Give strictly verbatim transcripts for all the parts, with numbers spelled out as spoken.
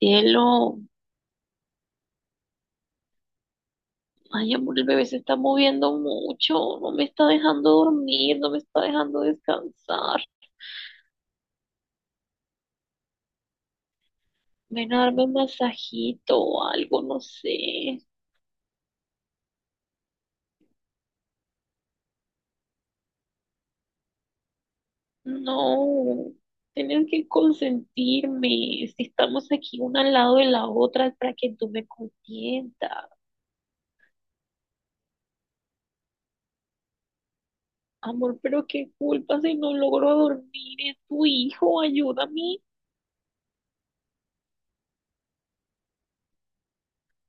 Cielo, ay amor, el bebé se está moviendo mucho, no me está dejando dormir, no me está dejando descansar. Ven a darme un masajito o algo, no sé. No, tienes que consentirme. Si estamos aquí una al lado de la otra es para que tú me consientas. Amor, pero qué culpa si no logro dormir, es tu hijo, ayúdame.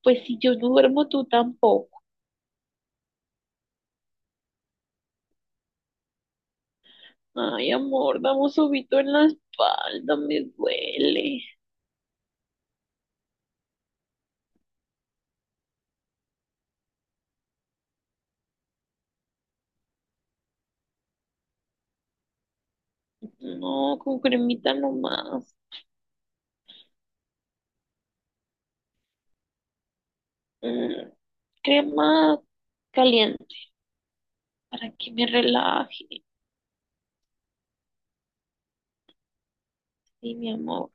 Pues si yo no duermo, tú tampoco. Ay, amor, dame un sobito en la espalda, me duele. No, con cremita nomás. Mm, Crema caliente para que me relaje. Sí, mi amor.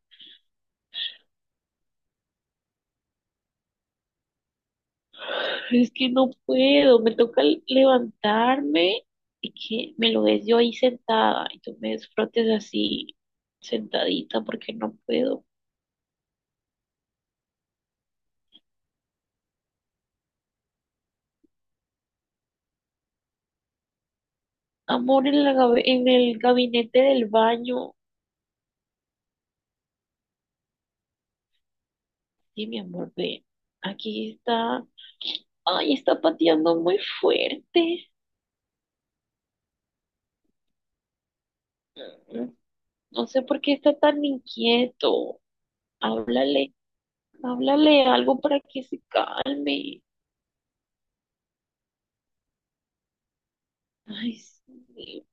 Pero es que no puedo, me toca l- levantarme y que me lo des yo ahí sentada y tú me desfrotes así sentadita porque no puedo. Amor, en la gabe- en el gabinete del baño. Sí, mi amor, ve. Aquí está. Ay, está pateando muy fuerte. Mm, No sé por qué está tan inquieto. Háblale, háblale algo para que se calme. Ay, sí,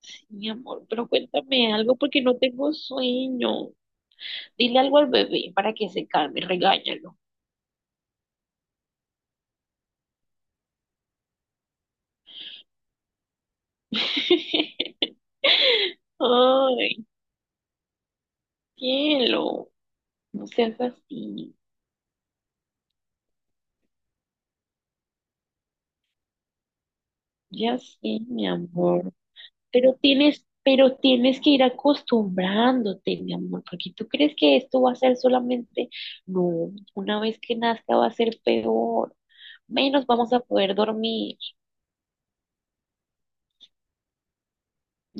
sí, mi amor, pero cuéntame algo porque no tengo sueño. Dile algo al bebé para que se calme, regáñalo. Ay, cielo, no seas así. Ya sé, mi amor. Pero tienes, pero tienes que ir acostumbrándote, mi amor, porque tú crees que esto va a ser solamente, no, una vez que nazca va a ser peor, menos vamos a poder dormir.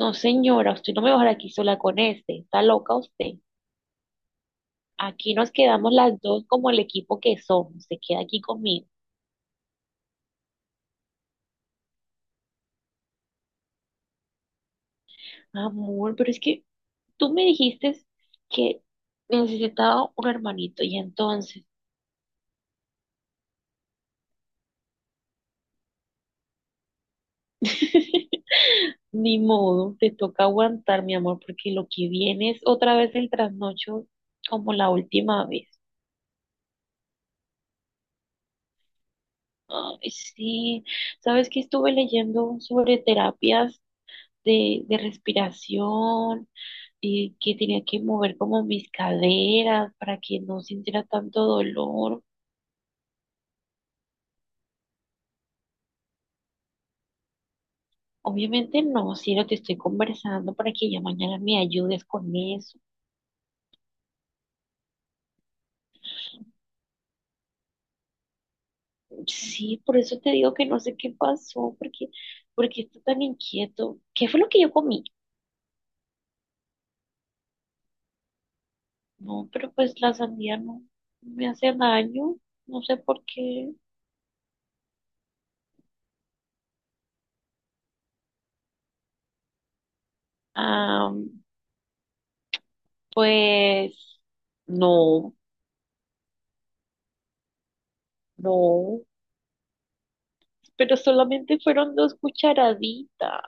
No, señora, usted no me va a dejar aquí sola con este, está loca usted. Aquí nos quedamos las dos como el equipo que somos, se queda aquí conmigo. Amor, pero es que tú me dijiste que necesitaba un hermanito y entonces… Ni modo, te toca aguantar, mi amor, porque lo que viene es otra vez el trasnocho como la última vez. Ay, sí, sabes que estuve leyendo sobre terapias de, de respiración y que tenía que mover como mis caderas para que no sintiera tanto dolor. Obviamente no, si no te estoy conversando para que ya mañana me ayudes con eso. Sí, por eso te digo que no sé qué pasó, porque, porque está tan inquieto. ¿Qué fue lo que yo comí? No, pero pues la sandía no me hace daño, no sé por qué. Ah, pues no, no, pero solamente fueron dos cucharaditas.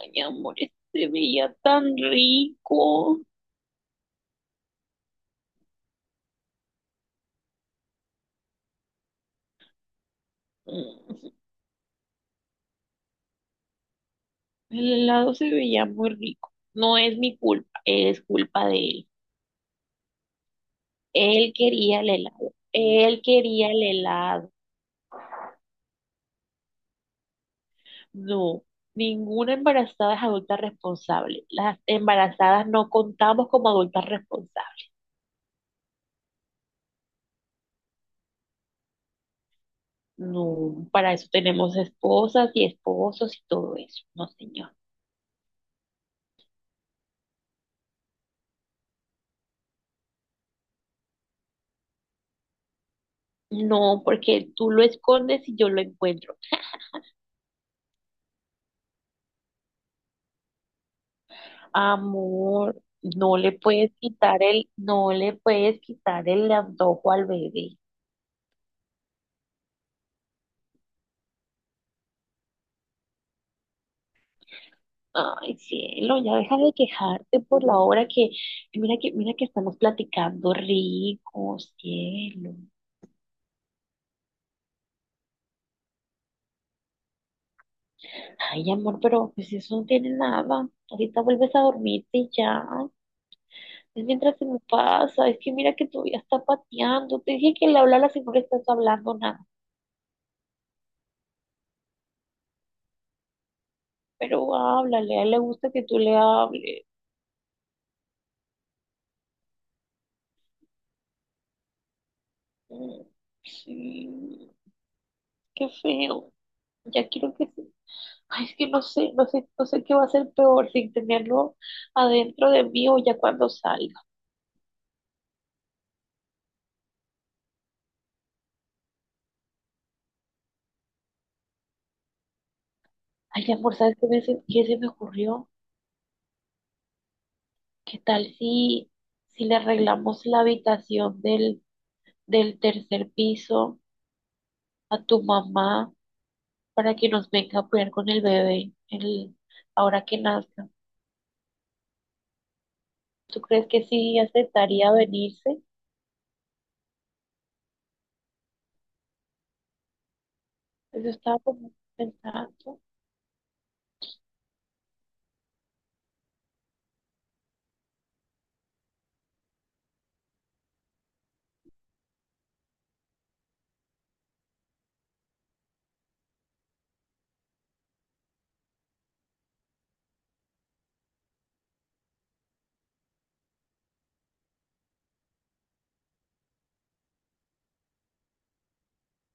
Ay, amor, este se veía tan rico. Mm, El helado se veía muy rico. No es mi culpa, es culpa de él. Él quería el helado. Él quería el helado. No, ninguna embarazada es adulta responsable. Las embarazadas no contamos como adultas responsables. No, para eso tenemos esposas y esposos y todo eso. No, señor. No, porque tú lo escondes y yo lo encuentro. Amor, no le puedes quitar el, no le puedes quitar el antojo al bebé. Ay, cielo, ya deja de quejarte por la hora que, que mira que, mira que estamos platicando rico, cielo. Ay, amor, pero pues eso no tiene nada. Ahorita vuelves a dormirte y ya. Es mientras se me pasa, es que mira que todavía está pateando. Te dije que le hablara si no le estás hablando nada. Pero háblale, a él le gusta que tú le hables. Mm, Sí, qué feo. Ya quiero que se… Ay, es que no sé, no sé, no sé qué va a ser peor, sin tenerlo adentro de mí o ya cuando salga. Ay, amor, ¿sabes qué, me se- qué se me ocurrió? ¿Qué tal si, si le arreglamos la habitación del, del tercer piso a tu mamá para que nos venga a cuidar con el bebé el, ahora que nazca? ¿Tú crees que sí aceptaría venirse? Eso estaba como pensando.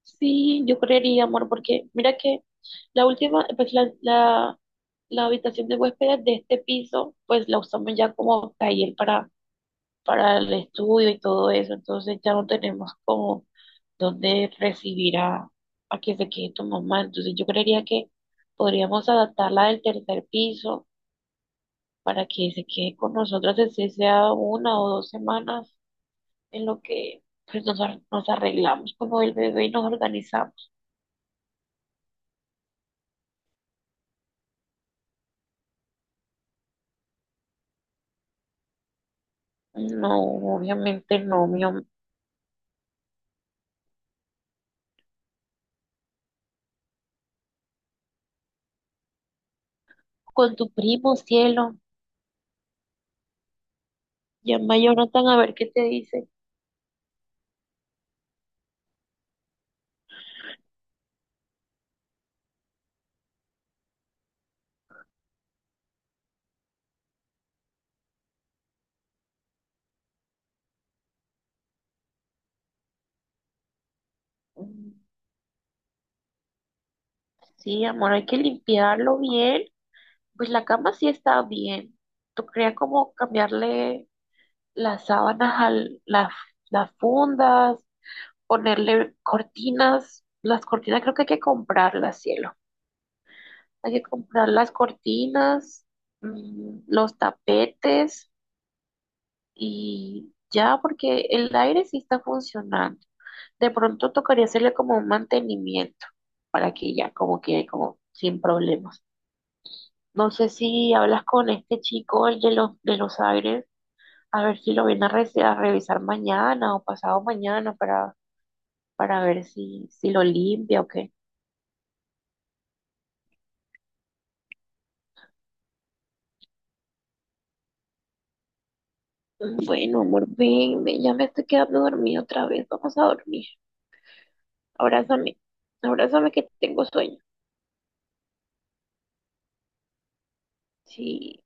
Sí, yo creería, amor, porque mira que la última, pues la, la, la habitación de huéspedes de este piso, pues la usamos ya como taller para, para el estudio y todo eso, entonces ya no tenemos como dónde recibir a, a que se quede tu mamá, entonces yo creería que podríamos adaptarla del tercer piso para que se quede con nosotras, así sea una o dos semanas en lo que pues nos, ar- nos arreglamos como el bebé y nos organizamos. No, obviamente no, mi am- Con tu primo, cielo. Llama a Jonathan a ver qué te dice. Mm, Sí, amor, hay que limpiarlo bien. Pues la cama sí está bien. ¿Tú creías como cambiarle las sábanas a las, las fundas, ponerle cortinas? Las cortinas creo que hay que comprarlas, cielo. Hay que comprar las cortinas, mm, los tapetes y ya, porque el aire sí está funcionando. De pronto tocaría hacerle como un mantenimiento para que ya como quede como sin problemas. No sé si hablas con este chico, el de los, de los aires, a ver si lo viene a, re- a revisar mañana o pasado mañana para, para ver si, si lo limpia o qué. Bueno, amor, ven, ven, ya me estoy quedando dormida otra vez. Vamos a dormir. Abrázame, abrázame que tengo sueño. Sí.